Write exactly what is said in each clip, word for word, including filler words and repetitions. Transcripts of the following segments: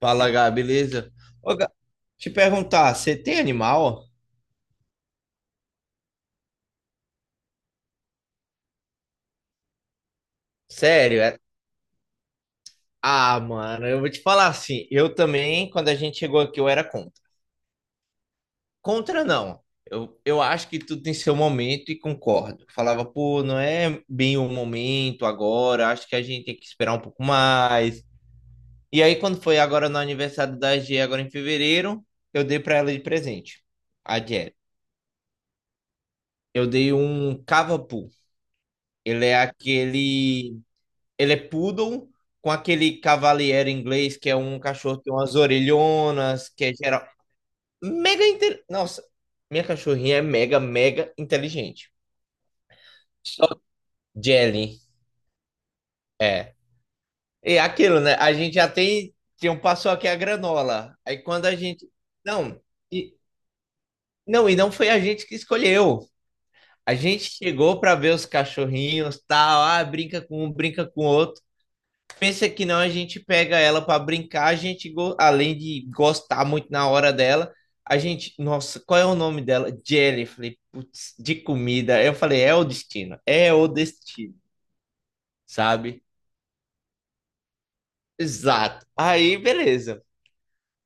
Fala, Gá, beleza? Ô, Gá, te perguntar, você tem animal? Sério. É- ah, mano, eu vou te falar assim, eu também, quando a gente chegou aqui, eu era contra. Contra não, eu, eu acho que tudo tem seu momento e concordo. Falava, pô, não é bem o momento agora, acho que a gente tem que esperar um pouco mais. E aí, quando foi agora no aniversário da G, agora em fevereiro, eu dei pra ela de presente, a Jé. Eu dei um cavapu, ele é aquele Ele é poodle com aquele cavaleiro inglês que é um cachorro que tem umas orelhonas, que é geral. Mega inte... Nossa, minha cachorrinha é mega, mega inteligente. Só Jelly, é. E aquilo, né? A gente já tem. Tinha um passou aqui a granola. Aí quando a gente. Não, e não, e não foi a gente que escolheu. A gente chegou para ver os cachorrinhos, tal, ah, brinca com um, brinca com outro. Pensa que não, a gente pega ela para brincar, a gente, go- além de gostar muito na hora dela, a gente, nossa, qual é o nome dela? Jelly. Eu falei, putz, de comida. Eu falei, é o destino, é o destino, sabe? Exato. Aí, beleza.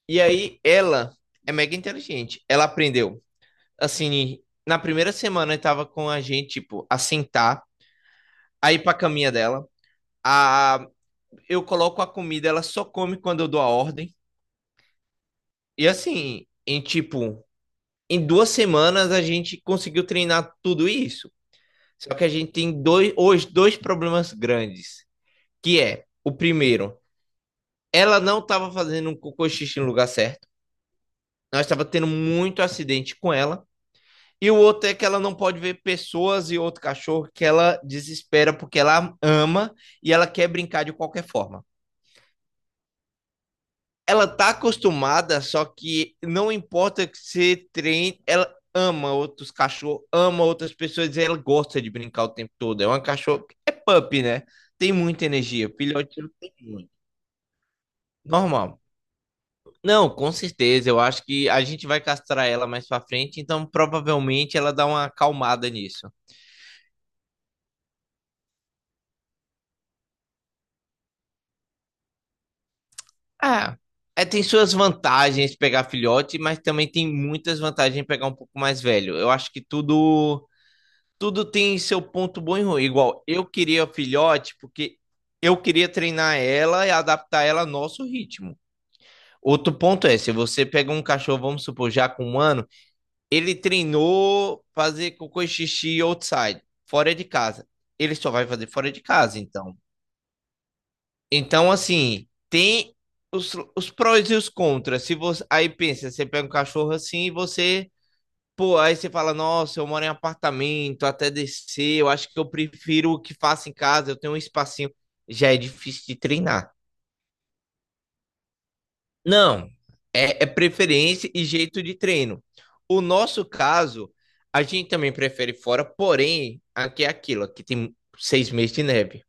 E aí, ela é mega inteligente. Ela aprendeu, assim, na primeira semana estava com a gente, tipo, a sentar, a ir pra caminha dela, a eu coloco a comida, ela só come quando eu dou a ordem. E assim, em tipo em duas semanas a gente conseguiu treinar tudo isso. Só que a gente tem dois, hoje dois problemas grandes, que é o primeiro, ela não estava fazendo um cocô xixi no lugar certo. Nós estava tendo muito acidente com ela. E o outro é que ela não pode ver pessoas e outro cachorro que ela desespera porque ela ama e ela quer brincar de qualquer forma. Ela tá acostumada, só que não importa que você treine, ela ama outros cachorros, ama outras pessoas, e ela gosta de brincar o tempo todo. É uma cachorra, é pup, né? Tem muita energia, filhote não tem muito. Normal. Não, com certeza, eu acho que a gente vai castrar ela mais pra frente, então provavelmente ela dá uma acalmada nisso. Ah, é, tem suas vantagens pegar filhote, mas também tem muitas vantagens em pegar um pouco mais velho. Eu acho que tudo tudo tem seu ponto bom e ruim. Igual, eu queria filhote porque eu queria treinar ela e adaptar ela ao nosso ritmo. Outro ponto é, se você pega um cachorro, vamos supor, já com um ano, ele treinou fazer cocô e xixi outside, fora de casa. Ele só vai fazer fora de casa, então. Então, assim, tem os, os prós e os contras. Se você, aí pensa, você pega um cachorro assim e você pô, aí você fala, nossa, eu moro em apartamento, até descer, eu acho que eu prefiro o que faço em casa, eu tenho um espacinho. Já é difícil de treinar. Não, é, é preferência e jeito de treino. O nosso caso, a gente também prefere fora, porém, aqui é aquilo, aqui tem seis meses de neve.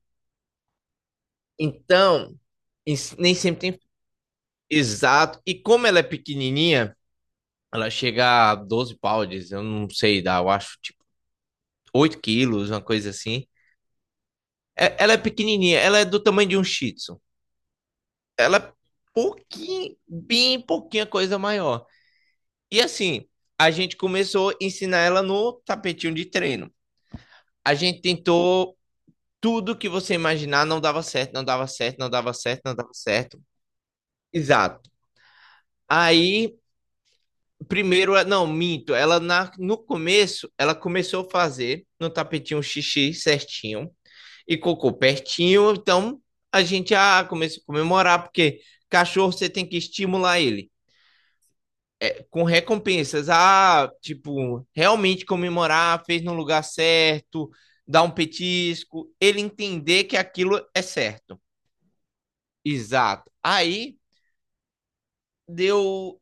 Então, isso nem sempre tem. Exato. E como ela é pequenininha, ela chega a doze pounds, eu não sei, dá, eu acho, tipo, oito quilos, uma coisa assim. É- ela é pequenininha, ela é do tamanho de um Shih Tzu. Ela é pouquinho, bem pouquinha coisa maior. E assim, a gente começou a ensinar ela no tapetinho de treino. A gente tentou tudo que você imaginar, não dava certo, não dava certo, não dava certo, não dava certo. Exato. Aí, primeiro, eh, não, minto, ela na, no começo, ela começou a fazer no tapetinho xixi certinho e cocô pertinho, então a gente ah, começa a comemorar, porque cachorro você tem que estimular ele com recompensas. Ah, tipo, realmente comemorar, fez no lugar certo, dar um petisco, ele entender que aquilo é certo. Exato. Aí deu,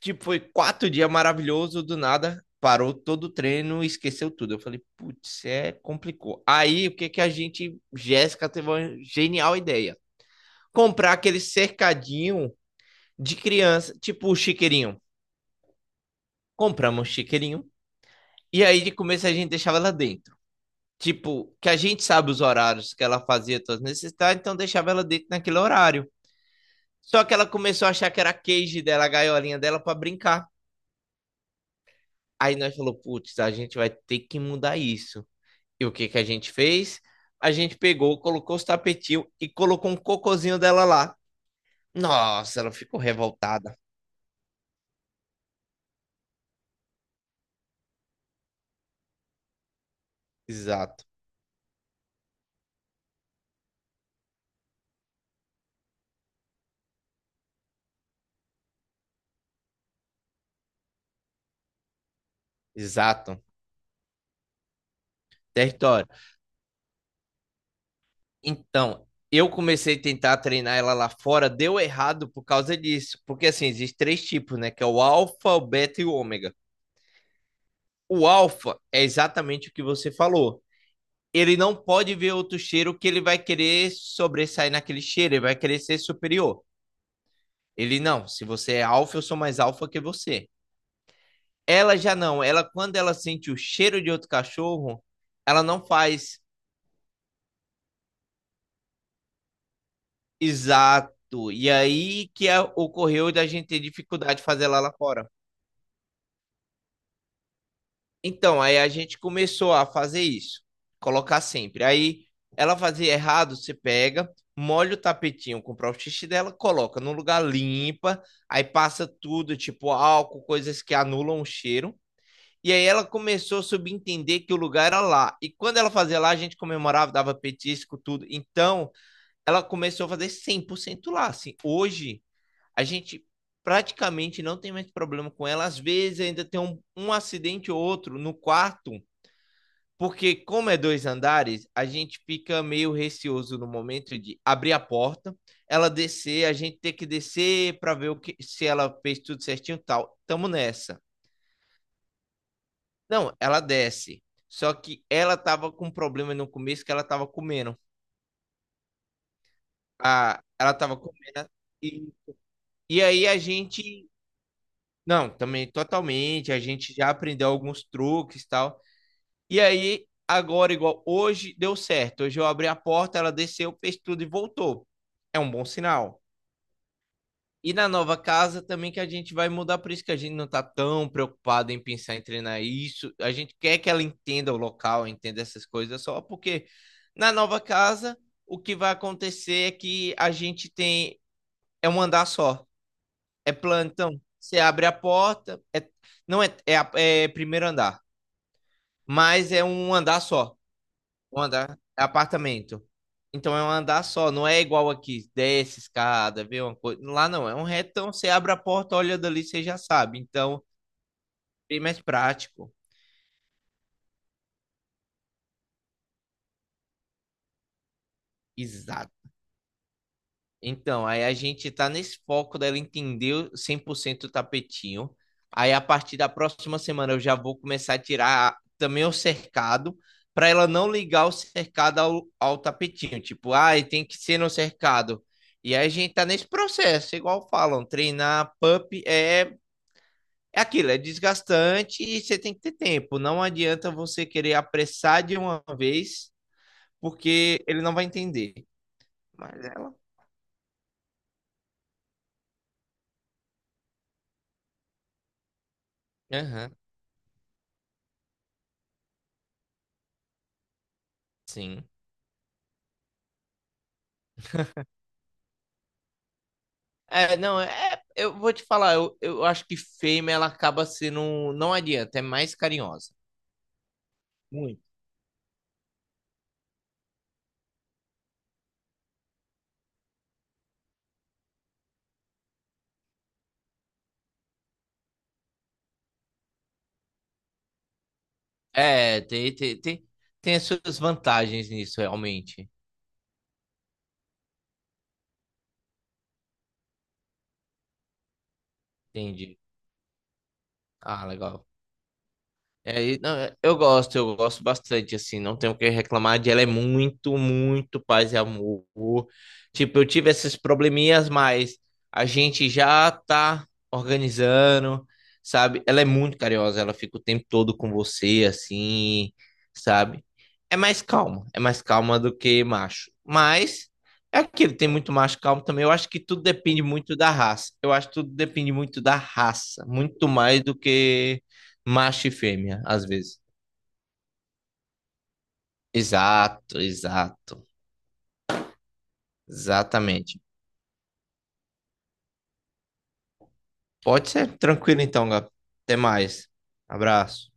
tipo, foi quatro dias maravilhoso, do nada parou todo o treino, esqueceu tudo. Eu falei, putz, é complicou. Aí o que que a gente, Jéssica teve uma genial ideia comprar aquele cercadinho de criança, tipo o chiqueirinho. Compramos um chiqueirinho e aí de começo a gente deixava ela dentro. Tipo, que a gente sabe os horários que ela fazia todas necessidades, então deixava ela dentro naquele horário. Só que ela começou a achar que era a cage dela, a gaiolinha dela para brincar. Aí nós falou, putz, a gente vai ter que mudar isso. E o que que a gente fez? A gente pegou, colocou os tapetinhos e colocou um cocozinho dela lá. Nossa, ela ficou revoltada. Exato, exato. Território. Então, eu comecei a tentar treinar ela lá fora, deu errado por causa disso. Porque assim, existem três tipos, né? Que é o alfa, o beta e o ômega. O alfa é exatamente o que você falou. Ele não pode ver outro cheiro que ele vai querer sobressair naquele cheiro, ele vai querer ser superior. Ele não, se você é alfa, eu sou mais alfa que você. Ela já não, ela quando ela sente o cheiro de outro cachorro, ela não faz exato. E aí que a- ocorreu da gente ter dificuldade de fazer ela lá fora. Então, aí a gente começou a fazer isso, colocar sempre. Aí ela fazia errado, você pega, molha o tapetinho com o próprio xixi dela, coloca num lugar limpa, aí passa tudo, tipo álcool, coisas que anulam o cheiro. E aí ela começou a subentender que o lugar era lá. E quando ela fazia lá, a gente comemorava, dava petisco, tudo. Então, ela começou a fazer cem por cento lá, assim. Hoje, a gente praticamente não tem mais problema com ela. Às vezes ainda tem um, um acidente ou outro no quarto, porque, como é dois andares, a gente fica meio receoso no momento de abrir a porta, ela descer, a gente ter que descer para ver o que, se ela fez tudo certinho e tal. Tamo nessa. Não, ela desce. Só que ela tava com um problema no começo que ela tava comendo. Ah, ela tava comendo. E, e aí a gente. Não, também totalmente. A gente já aprendeu alguns truques e tal. E aí, agora, igual hoje, deu certo. Hoje eu abri a porta, ela desceu, fez tudo e voltou. É um bom sinal. E na nova casa também que a gente vai mudar, por isso que a gente não tá tão preocupado em pensar em treinar isso. A gente quer que ela entenda o local, entenda essas coisas só, porque na nova casa o que vai acontecer é que a gente tem é um andar só, é plantão. Você abre a porta, é, não é, é, a- é primeiro andar, mas é um andar só. Um andar, é apartamento. Então é um andar só, não é igual aqui, desce escada, vê uma coisa. Lá não, é um retão, você abre a porta, olha dali, você já sabe. Então, bem mais prático. Exato. Então, aí a gente tá nesse foco dela entender o cem por cento o tapetinho. Aí a partir da próxima semana eu já vou começar a tirar também o cercado, para ela não ligar o cercado ao, ao tapetinho. Tipo, ah, tem que ser no cercado. E aí a gente tá nesse processo, igual falam, treinar pup é, é aquilo, é desgastante e você tem que ter tempo. Não adianta você querer apressar de uma vez, porque ele não vai entender. Mas ela. Aham, sim. É, não, é, eu vou te falar, eu, eu acho que fêmea ela acaba sendo, não adianta, é mais carinhosa. Muito. É, tem, tem, tem, tem as suas vantagens nisso, realmente. Entendi. Ah, legal. É, e- não, é- eu gosto, eu gosto bastante, assim, não tenho o que reclamar de ela, é muito, muito paz e amor. Tipo, eu tive esses probleminhas, mas a gente já tá organizando, sabe? Ela é muito carinhosa, ela fica o tempo todo com você, assim, sabe? É mais calma, é mais calma do que macho. Mas é aquilo, tem muito macho calmo também. Eu acho que tudo depende muito da raça. Eu acho que tudo depende muito da raça, muito mais do que macho e fêmea, às vezes. Exato, exato. Exatamente. Pode ser. Tranquilo então, Gabi. Até mais. Abraço.